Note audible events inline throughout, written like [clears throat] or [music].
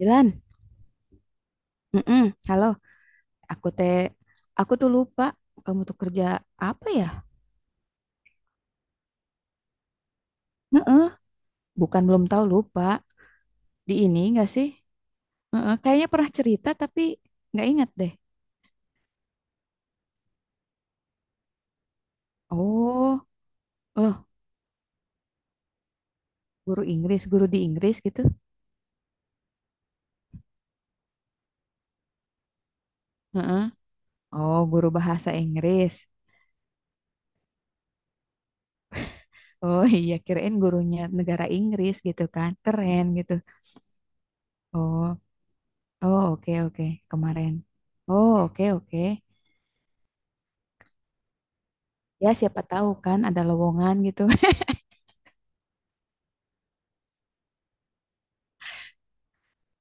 Dilan, mm halo. Aku teh, aku tuh lupa, kamu tuh kerja apa ya? Heeh, bukan belum tahu, lupa. Di ini nggak sih? Heeh, kayaknya pernah cerita tapi nggak ingat deh. Oh, loh, guru Inggris, guru di Inggris gitu. Heeh. Oh, guru bahasa Inggris. Oh, [laughs] iya, kirain gurunya negara Inggris gitu kan, keren gitu. Oh, oh, oke oke kemarin. Oh, oke oke. Ya, siapa tahu kan ada lowongan gitu. [laughs]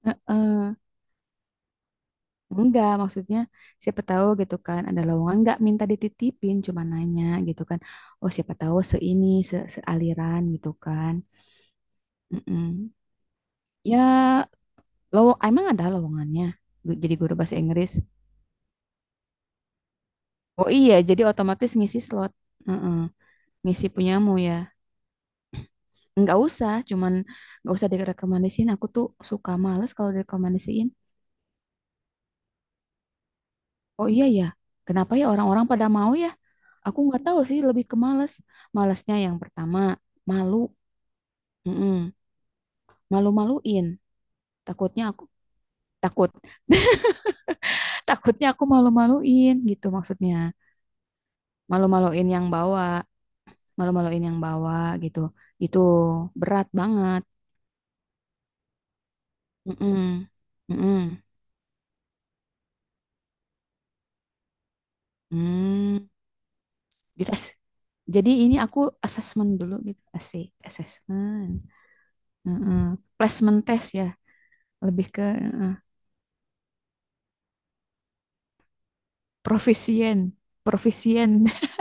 Heeh. Enggak, maksudnya siapa tahu gitu kan ada lowongan, enggak minta dititipin, cuma nanya gitu kan. Oh, siapa tahu seini se sealiran gitu kan. Mm-mm. Ya, lowong emang ada lowongannya, jadi guru bahasa Inggris. Oh iya, jadi otomatis ngisi slot. Mm-mm. Ngisi punyamu ya. Enggak usah, cuman enggak usah direkomendasiin. Aku tuh suka males kalau direkomendasiin. Oh iya ya. Kenapa ya orang-orang pada mau ya? Aku nggak tahu sih, lebih ke males. Malesnya yang pertama, malu. Mm-mm. Malu-maluin. Takutnya aku takut. [laughs] Takutnya aku malu-maluin gitu maksudnya. Malu-maluin yang bawa, malu-maluin yang bawa gitu. Itu berat banget. Mm-mm. Mm-mm. Hmm. Dites. Jadi ini aku assessment dulu gitu. Asik, assessment. Mm-mm. Placement test ya. Lebih ke eh, profisien. Profisien. [laughs]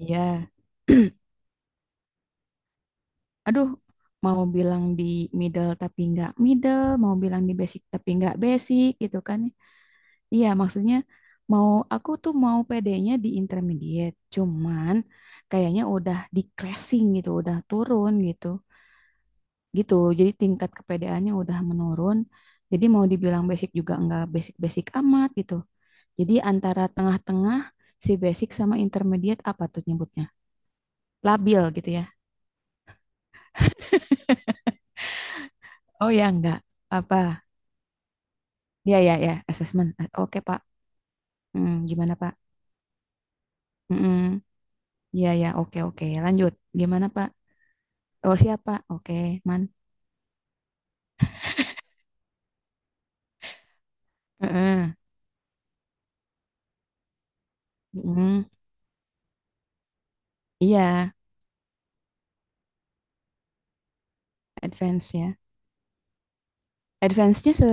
Iya. [clears throat] Aduh, mau bilang di middle tapi nggak middle, mau bilang di basic tapi nggak basic gitu kan. Iya, maksudnya mau aku tuh mau PD-nya di intermediate, cuman kayaknya udah decreasing gitu, udah turun gitu. Gitu. Jadi tingkat kepedeannya udah menurun. Jadi mau dibilang basic juga nggak basic-basic amat gitu. Jadi antara tengah-tengah, si basic sama intermediate, apa tuh nyebutnya? Labil gitu ya. Oh ya, enggak. Apa? Ya, ya, ya, assessment. Oke, Pak. Hmm, gimana Pak? Hmm, ya ya, oke oke. Lanjut. Gimana Pak? Oh siapa? Oke, man. Heeh. Mm, iya, advance ya. Advance-nya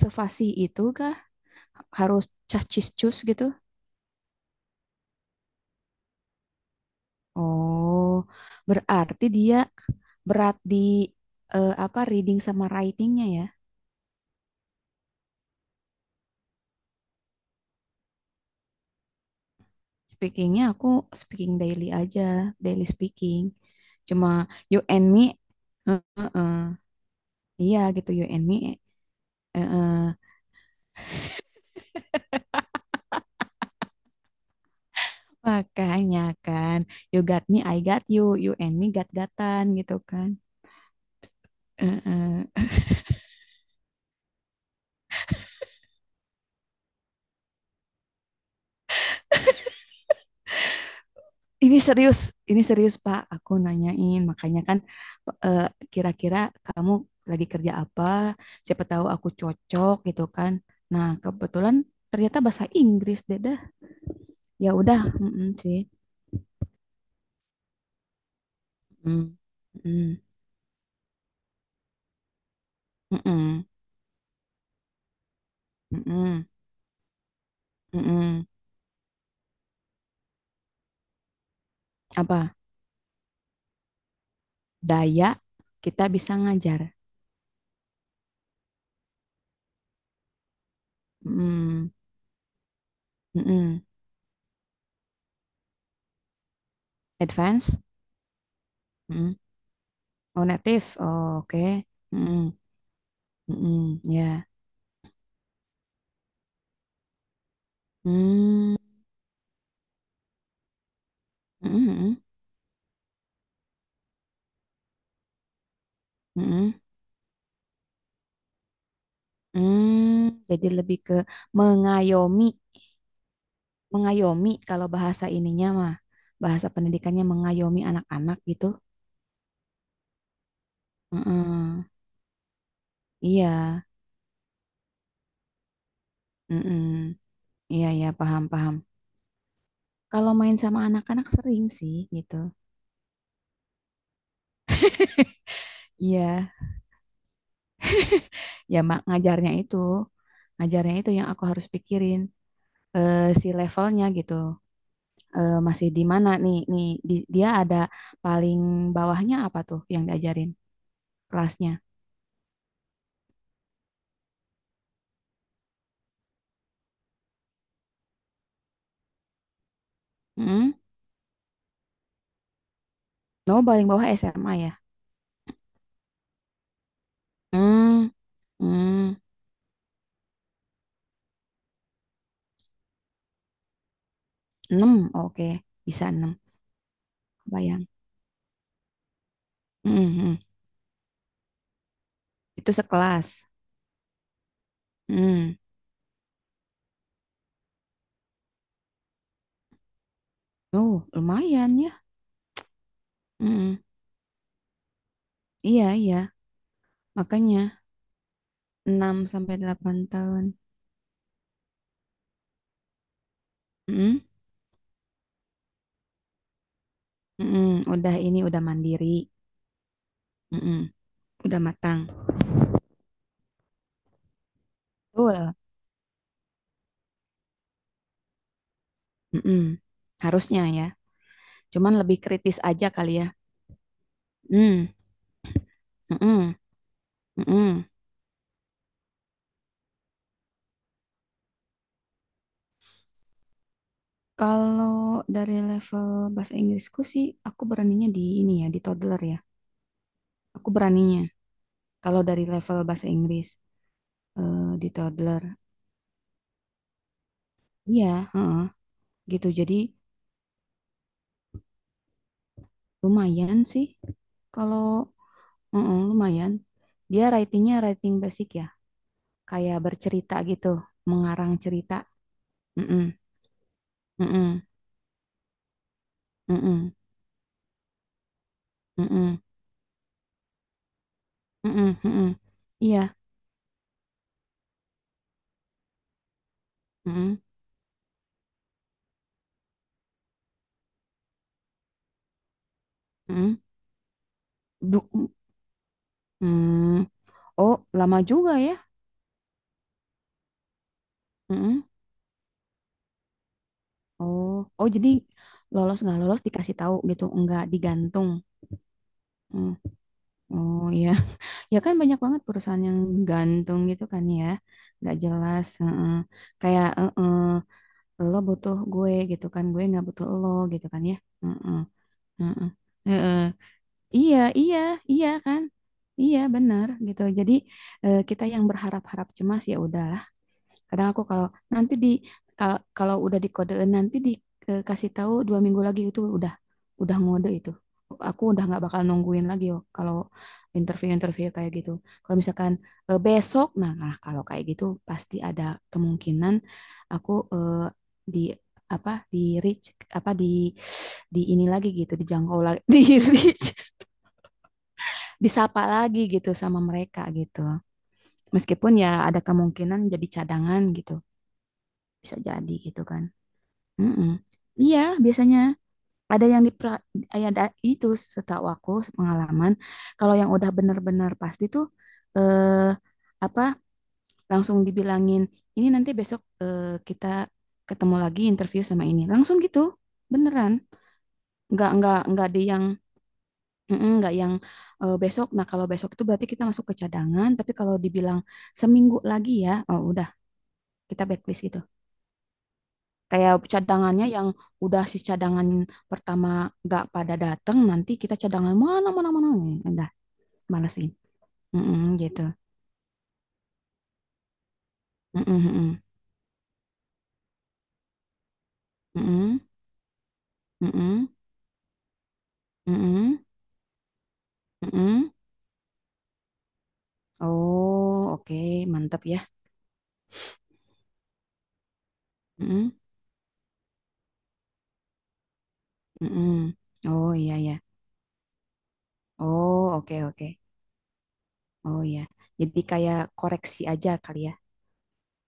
sefasih itu kah? Harus cacis-cus gitu? Oh, berarti dia berat di apa, reading sama writing-nya ya. Speaking-nya aku speaking daily aja, daily speaking. Cuma you and me, eh, eh, eh. Iya gitu you and me. eh, eh. Makanya kan, you got me, I got you, you and me gat-gatan gitu kan. Eh, eh. Ini serius, ini serius Pak, aku nanyain. Makanya kan eh, kira-kira kamu lagi kerja apa, siapa tahu aku cocok gitu kan. Nah, kebetulan ternyata bahasa Inggris deh dah. Ya udah, mm-mm sih. Mm, mm, mm-mm, mm-mm, mm-mm. Apa? Daya kita bisa ngajar. Mm, mm-mm. Advance? Mm. Oh, native. Oh, oke. Mm-mm, mm-mm, ya. Hmm, mm-mm, mm-mm. mm Jadi lebih ke mengayomi, mengayomi kalau bahasa ininya mah, bahasa pendidikannya mengayomi anak-anak gitu. Mm-mm, iya, mm-mm, iya, iya, paham, paham. Kalau main sama anak-anak sering sih gitu. Iya, ya mak ngajarnya itu yang aku harus pikirin si levelnya gitu. Masih di mana nih, dia ada paling bawahnya apa tuh yang diajarin kelasnya? Hmm? No, paling bawah SMA ya. Hmm, hmm. 6, oke, bisa enam. Bayang. Hmm, hmm. Itu sekelas. Hmm. Oh lumayan ya. Hmm. Iya, iya, makanya 6 sampai 8 tahun. Hmm. Hmm. Udah ini, udah mandiri. Hmm. Udah matang. Betul. Hmm. Hmm. Harusnya ya. Cuman lebih kritis aja kali ya. Hmm, mm-mm, mm-mm. Kalau dari level bahasa Inggrisku sih, aku beraninya di ini ya, di toddler ya. Aku beraninya. Kalau dari level bahasa Inggris, di toddler. Iya, heeh, gitu. Jadi lumayan sih. Kalau heeh, lumayan. Dia writingnya writing basic ya. Kayak bercerita gitu. Mengarang cerita. Mm-mm, mm-mm, mm-mm, mm-mm, mm-mm, mm-mm. Iya. Mm-mm, mm-mm. Du- Hmm. Oh, lama juga ya. Mm-mm. Oh, oh, jadi lolos nggak lolos dikasih tahu gitu, nggak digantung. Mm. Oh iya, [laughs] ya kan banyak banget perusahaan yang gantung gitu kan ya, nggak jelas. Heeh. Kayak heeh, lo butuh gue gitu kan, gue nggak butuh lo gitu kan ya. Heeh. Heeh. Heeh. Iya, iya, iya kan. Iya benar gitu. Jadi kita yang berharap-harap cemas ya udah. Kadang aku kalau nanti di kalau udah dikodein nanti dikasih tahu 2 minggu lagi itu udah, ngode itu, aku udah nggak bakal nungguin lagi yo. Kalau interview-interview kayak gitu, kalau misalkan besok, nah, nah, kalau kayak gitu pasti ada kemungkinan aku di apa, di reach, apa di ini lagi gitu, dijangkau lagi, [laughs] di reach, disapa lagi gitu sama mereka gitu, meskipun ya ada kemungkinan jadi cadangan gitu, bisa jadi gitu kan. Mm-mm. Iya, biasanya ada yang di, ada itu, setahu aku pengalaman. Kalau yang udah bener-bener pasti tuh eh, apa langsung dibilangin, ini nanti besok kita ketemu lagi interview sama ini. Langsung gitu. Beneran. Nggak di yang, mm-mm, nggak yang besok. Nah, kalau besok itu berarti kita masuk ke cadangan, tapi kalau dibilang 1 minggu lagi ya, oh udah kita backlist gitu. Kayak cadangannya yang udah si cadangan pertama nggak pada datang, nanti kita cadangan mana mana mana nih, udah balesin. Mm-mm, gitu. Mm-mm, mm-mm, mm-mm, mm-mm, mm-mm, mm-mm. Oh, oke, mantap ya. Mm-mm, mm-mm. Oh iya ya. Oh oke oke. Oh iya. Jadi kayak koreksi aja kali ya.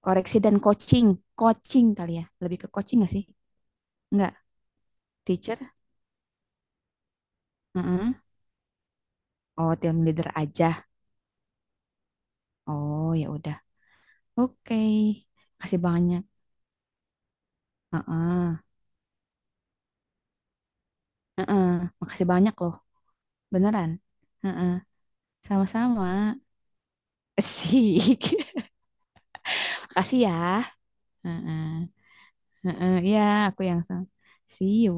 Koreksi dan coaching, coaching kali ya. Lebih ke coaching nggak sih? Nggak, teacher. Mm-mm. Oh, team leader aja. Oh, ya udah. Oke, makasih banyak. Heeh. Heeh. Makasih banyak loh. Beneran. Heeh. Sama-sama. Sik. [laughs] Makasih ya. Heeh. Heeh. Ya, aku yang sama. See you.